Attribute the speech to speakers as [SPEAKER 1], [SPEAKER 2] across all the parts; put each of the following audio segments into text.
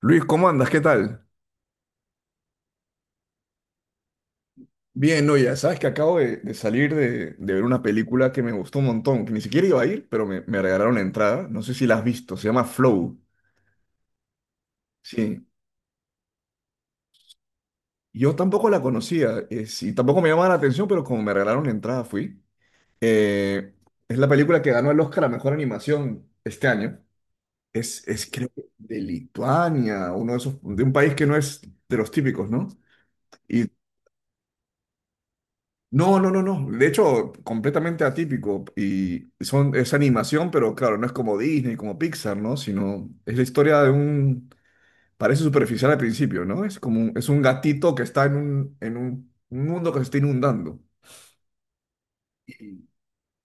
[SPEAKER 1] Luis, ¿cómo andas? ¿Qué tal? Bien, no, ya sabes que acabo de salir de ver una película que me gustó un montón, que ni siquiera iba a ir, pero me regalaron la entrada. No sé si la has visto, se llama Flow. Sí, yo tampoco la conocía, sí, tampoco me llamaba la atención, pero como me regalaron la entrada fui. Eh, es la película que ganó el Oscar a Mejor Animación este año. Es creo que de Lituania, uno de esos, de un país que no es de los típicos, ¿no? Y No, no, no, no. De hecho, completamente atípico. Y es animación, pero claro, no es como Disney, como Pixar, ¿no? Sino es la historia de un. Parece superficial al principio, ¿no? Es un gatito que está en un mundo que se está inundando. Y,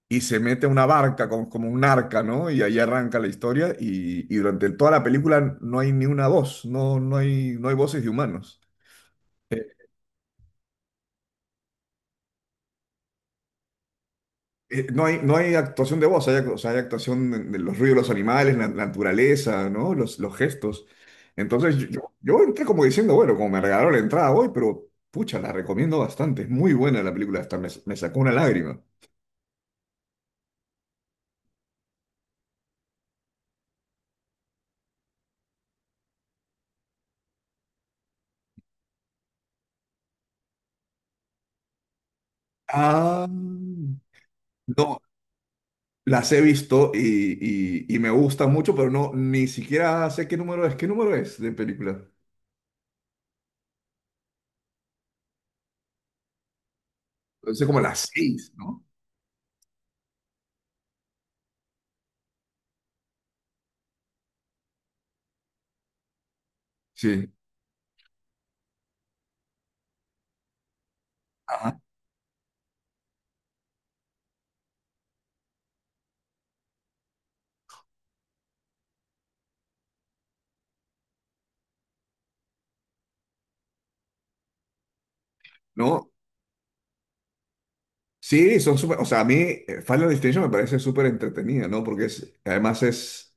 [SPEAKER 1] y se mete a una barca, como un arca, ¿no? Y ahí arranca la historia. Y durante toda la película no hay ni una voz, no hay voces de humanos. No hay actuación de voz, o sea, hay actuación de los ruidos de los animales, la naturaleza, ¿no? Los gestos. Entonces yo entré como diciendo, bueno, como me regalaron la entrada hoy, pero pucha, la recomiendo bastante. Es muy buena la película, hasta me sacó una lágrima. Ah, no, las he visto y, y me gusta mucho, pero no, ni siquiera sé qué número es. ¿Qué número es de película? Sé como las seis, ¿no? Sí. Ajá. No, sí, son súper, o sea, a mí Final Destination me parece súper entretenida, ¿no? Porque además,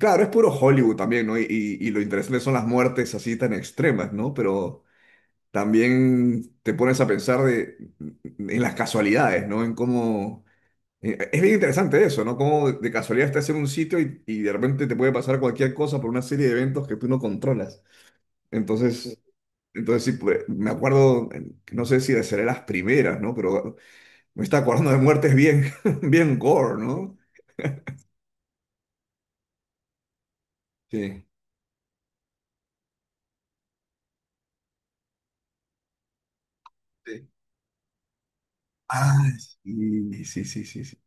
[SPEAKER 1] claro, es puro Hollywood también, ¿no? Y lo interesante son las muertes así tan extremas, ¿no? Pero también te pones a pensar en las casualidades, ¿no? En cómo, es bien interesante eso, ¿no? Cómo de casualidad estás en un sitio y de repente te puede pasar cualquier cosa por una serie de eventos que tú no controlas. Entonces... Entonces, sí, pues, me acuerdo, no sé si de ser las primeras, ¿no? Pero me está acordando de muertes bien, bien gore, ¿no? Sí. Sí. Ah, sí, sí, sí, sí, sí.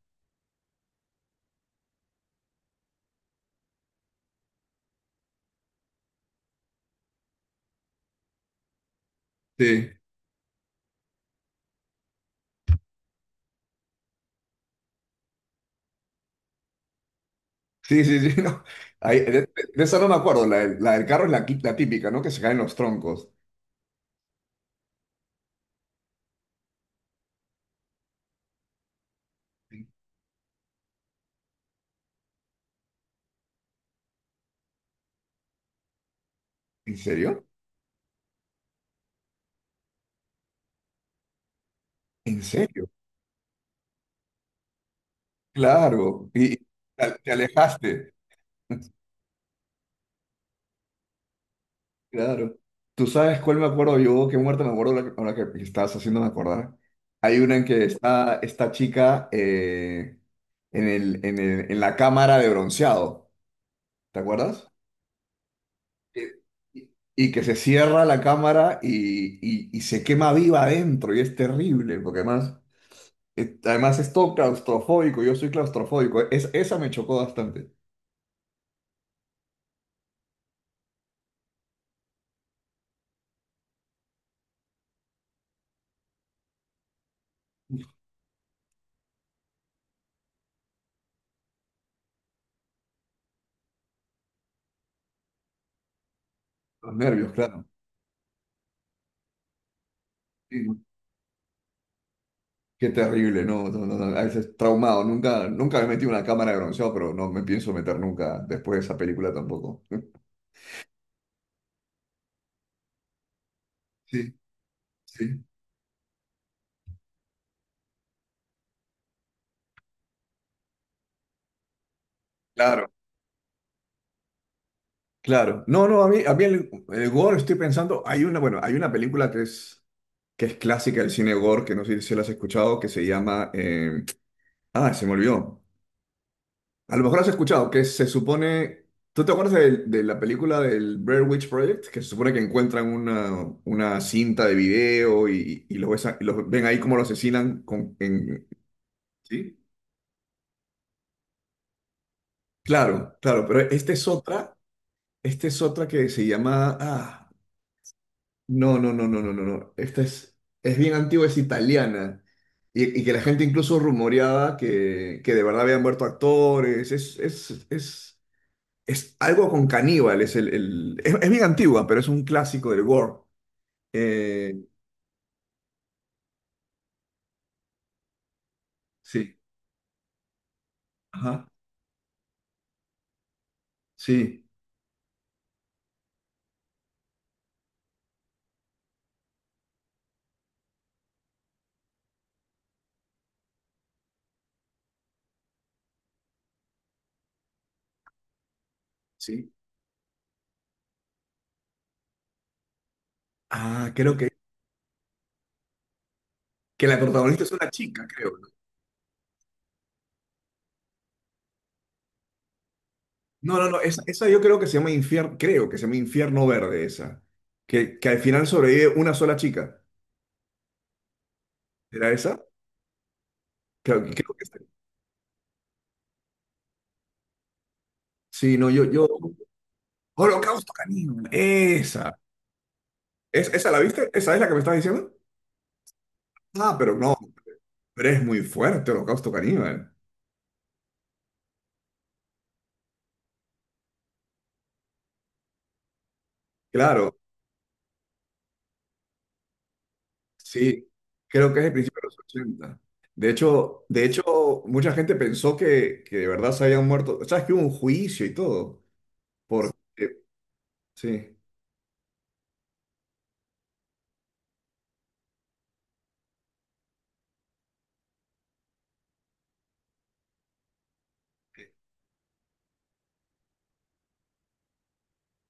[SPEAKER 1] Sí, sí, sí, sí, no. Ahí, de esa no me acuerdo. La del carro es la típica, ¿no? Que se caen los troncos. ¿En serio? ¿En serio? Claro. Y te alejaste. Claro. ¿Tú sabes cuál me acuerdo yo? ¿Qué muerte me acuerdo ahora que estás haciéndome acordar? Hay una en que está esta chica en la cámara de bronceado. ¿Te acuerdas? Eh, Y y que se cierra la cámara y se quema viva adentro y es terrible, porque además es todo claustrofóbico, yo soy claustrofóbico, esa me chocó bastante, los nervios, claro. Sí, qué terrible, no, no, no, no, a veces traumado, nunca, nunca me metí en una cámara de bronceado, pero no me pienso meter nunca después de esa película tampoco. Sí, sí, claro, claro. No, no, a mí el gore estoy pensando, hay una, bueno, hay una película que es clásica del cine gore, que no sé si la has escuchado, que se llama. Ah, se me olvidó. A lo mejor la has escuchado, que se supone. ¿Tú te acuerdas de la película del Blair Witch Project? Que se supone que encuentran una cinta de video y los ven ahí como lo asesinan. ¿Sí? Claro, claro, pero esta es otra que se llama. Ah, no, no, no, no, no, no, no. Esta es bien antigua, es italiana. Y que la gente incluso rumoreaba que de verdad habían muerto actores. Es algo con caníbal. Es bien antigua, pero es un clásico del gore. Eh, sí, ajá, sí, sí. Ah, creo que la protagonista es una chica, creo. No, no, no, no, esa yo creo que se llama Infierno, creo que se llama Infierno Verde, esa. Que al final sobrevive una sola chica. ¿Era esa? Creo que es. Sí, no, yo. Holocausto Canino. Esa. ¿Esa la viste? ¿Esa es la que me estás diciendo? Ah, pero no, pero es muy fuerte Holocausto Caníbal. Claro, sí. Creo que es el principio de los 80. De hecho, mucha gente pensó que de verdad se habían muerto. ¿Sabes que hubo un juicio y todo? Porque, sí,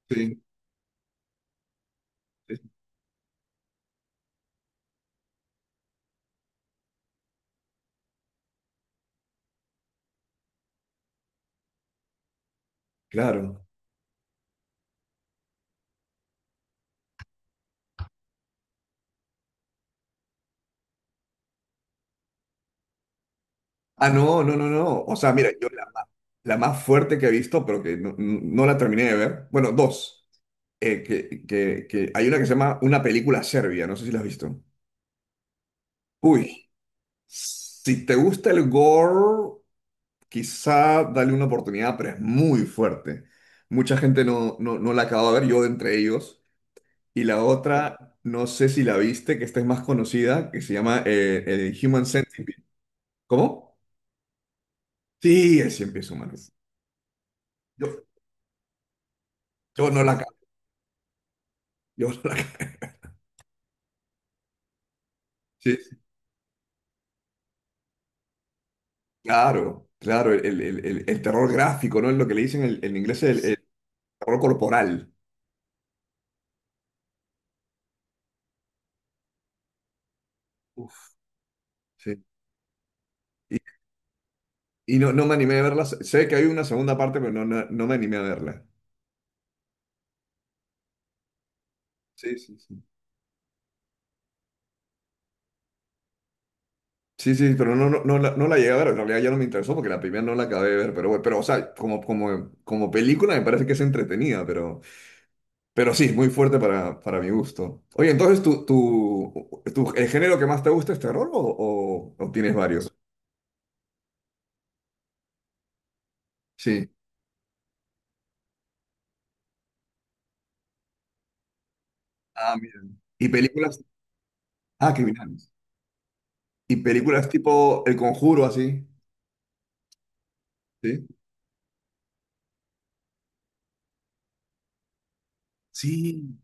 [SPEAKER 1] sí, sí, claro. Ah, no, no, no, no. O sea, mira, yo la más fuerte que he visto, pero que no la terminé de ver. Bueno, dos. Que hay una que se llama Una película serbia, no sé si la has visto. Uy, si te gusta el gore, quizá dale una oportunidad, pero es muy fuerte. Mucha gente no la acaba de ver, yo entre ellos. Y la otra, no sé si la viste, que esta es más conocida, que se llama el Human Centipede. ¿Cómo? Sí, es cien pies humano. Yo, yo no la acabo. Yo no la acabé. Sí, claro, claro, el terror gráfico, ¿no? Es lo que le dicen en inglés el terror corporal. Uf. Sí. Y, y no me animé a verla. Sé que hay una segunda parte, pero no me animé a verla. Sí, sí, sí. Sí, sí, pero no la llegué a ver. En realidad ya no me interesó porque la primera no la acabé de ver. Bueno, pero o sea, como película me parece que es entretenida, pero sí, es muy fuerte para mi gusto. Oye, entonces, tú el género que más te gusta es terror o tienes varios? Sí. Ah, mira. ¿Y películas? Ah, criminales. Y películas tipo El Conjuro, así. Sí. Sí.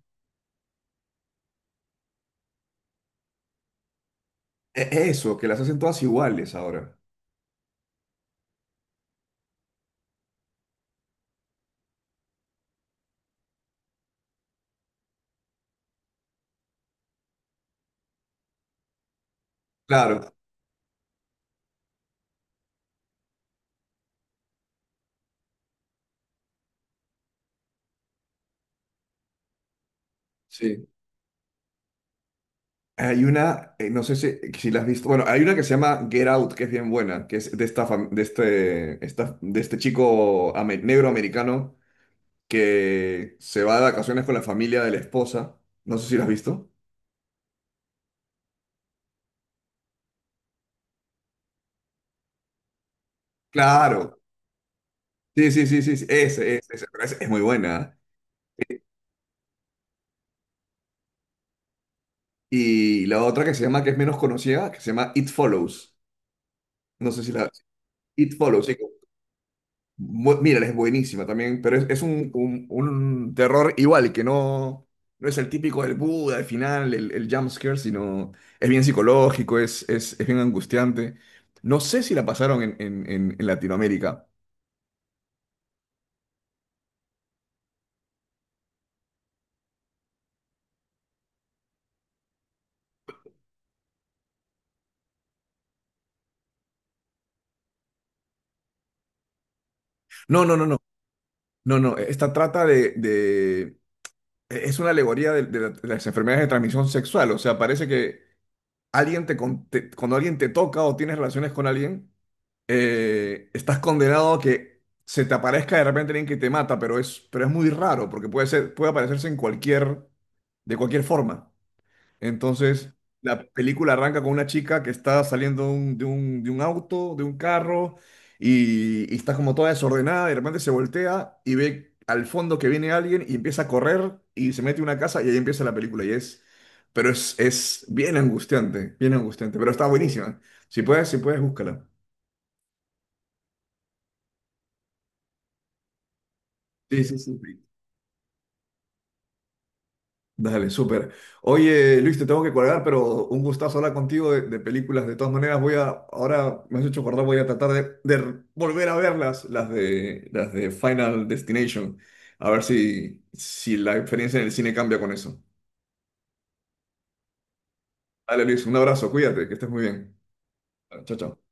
[SPEAKER 1] Eso, que las hacen todas iguales ahora. Claro, sí. Hay una, no sé si la has visto. Bueno, hay una que se llama Get Out, que es bien buena, que es de esta, fam- de este, esta- de este chico negro americano que se va de vacaciones con la familia de la esposa. No sé si la has visto. Claro. Sí, sí, sí, sí, sí. Ese, ese, ese. Pero ese es muy buena. Y la otra que se llama, que es menos conocida, que se llama It Follows. No sé si la. It Follows, sí. Mírala, es buenísima también, pero es un terror igual, que no es el típico del Buda al final, el jump scare, sino es bien psicológico, es bien angustiante. No sé si la pasaron en Latinoamérica. No, no, no, no, no, no. Esta trata es una alegoría de las enfermedades de transmisión sexual. O sea, parece que alguien cuando alguien te toca o tienes relaciones con alguien, estás condenado a que se te aparezca de repente alguien que te mata, pero es muy raro, porque puede puede aparecerse de cualquier forma. Entonces, la película arranca con una chica que está saliendo de un auto, de un carro, y está como toda desordenada, y de repente se voltea y ve al fondo que viene alguien y empieza a correr y se mete en una casa y ahí empieza la película. Pero es bien angustiante, pero está buenísima. Si puedes, si puedes, búscala. Sí, sí, sí. Dale, súper. Oye, Luis, te tengo que colgar, pero un gustazo hablar contigo de películas. De todas maneras, ahora me has hecho acordar, voy a tratar de volver a verlas, las de Final Destination. A ver si la experiencia en el cine cambia con eso. Dale, Luis, un abrazo, cuídate, que estés muy bien. Chao, chao.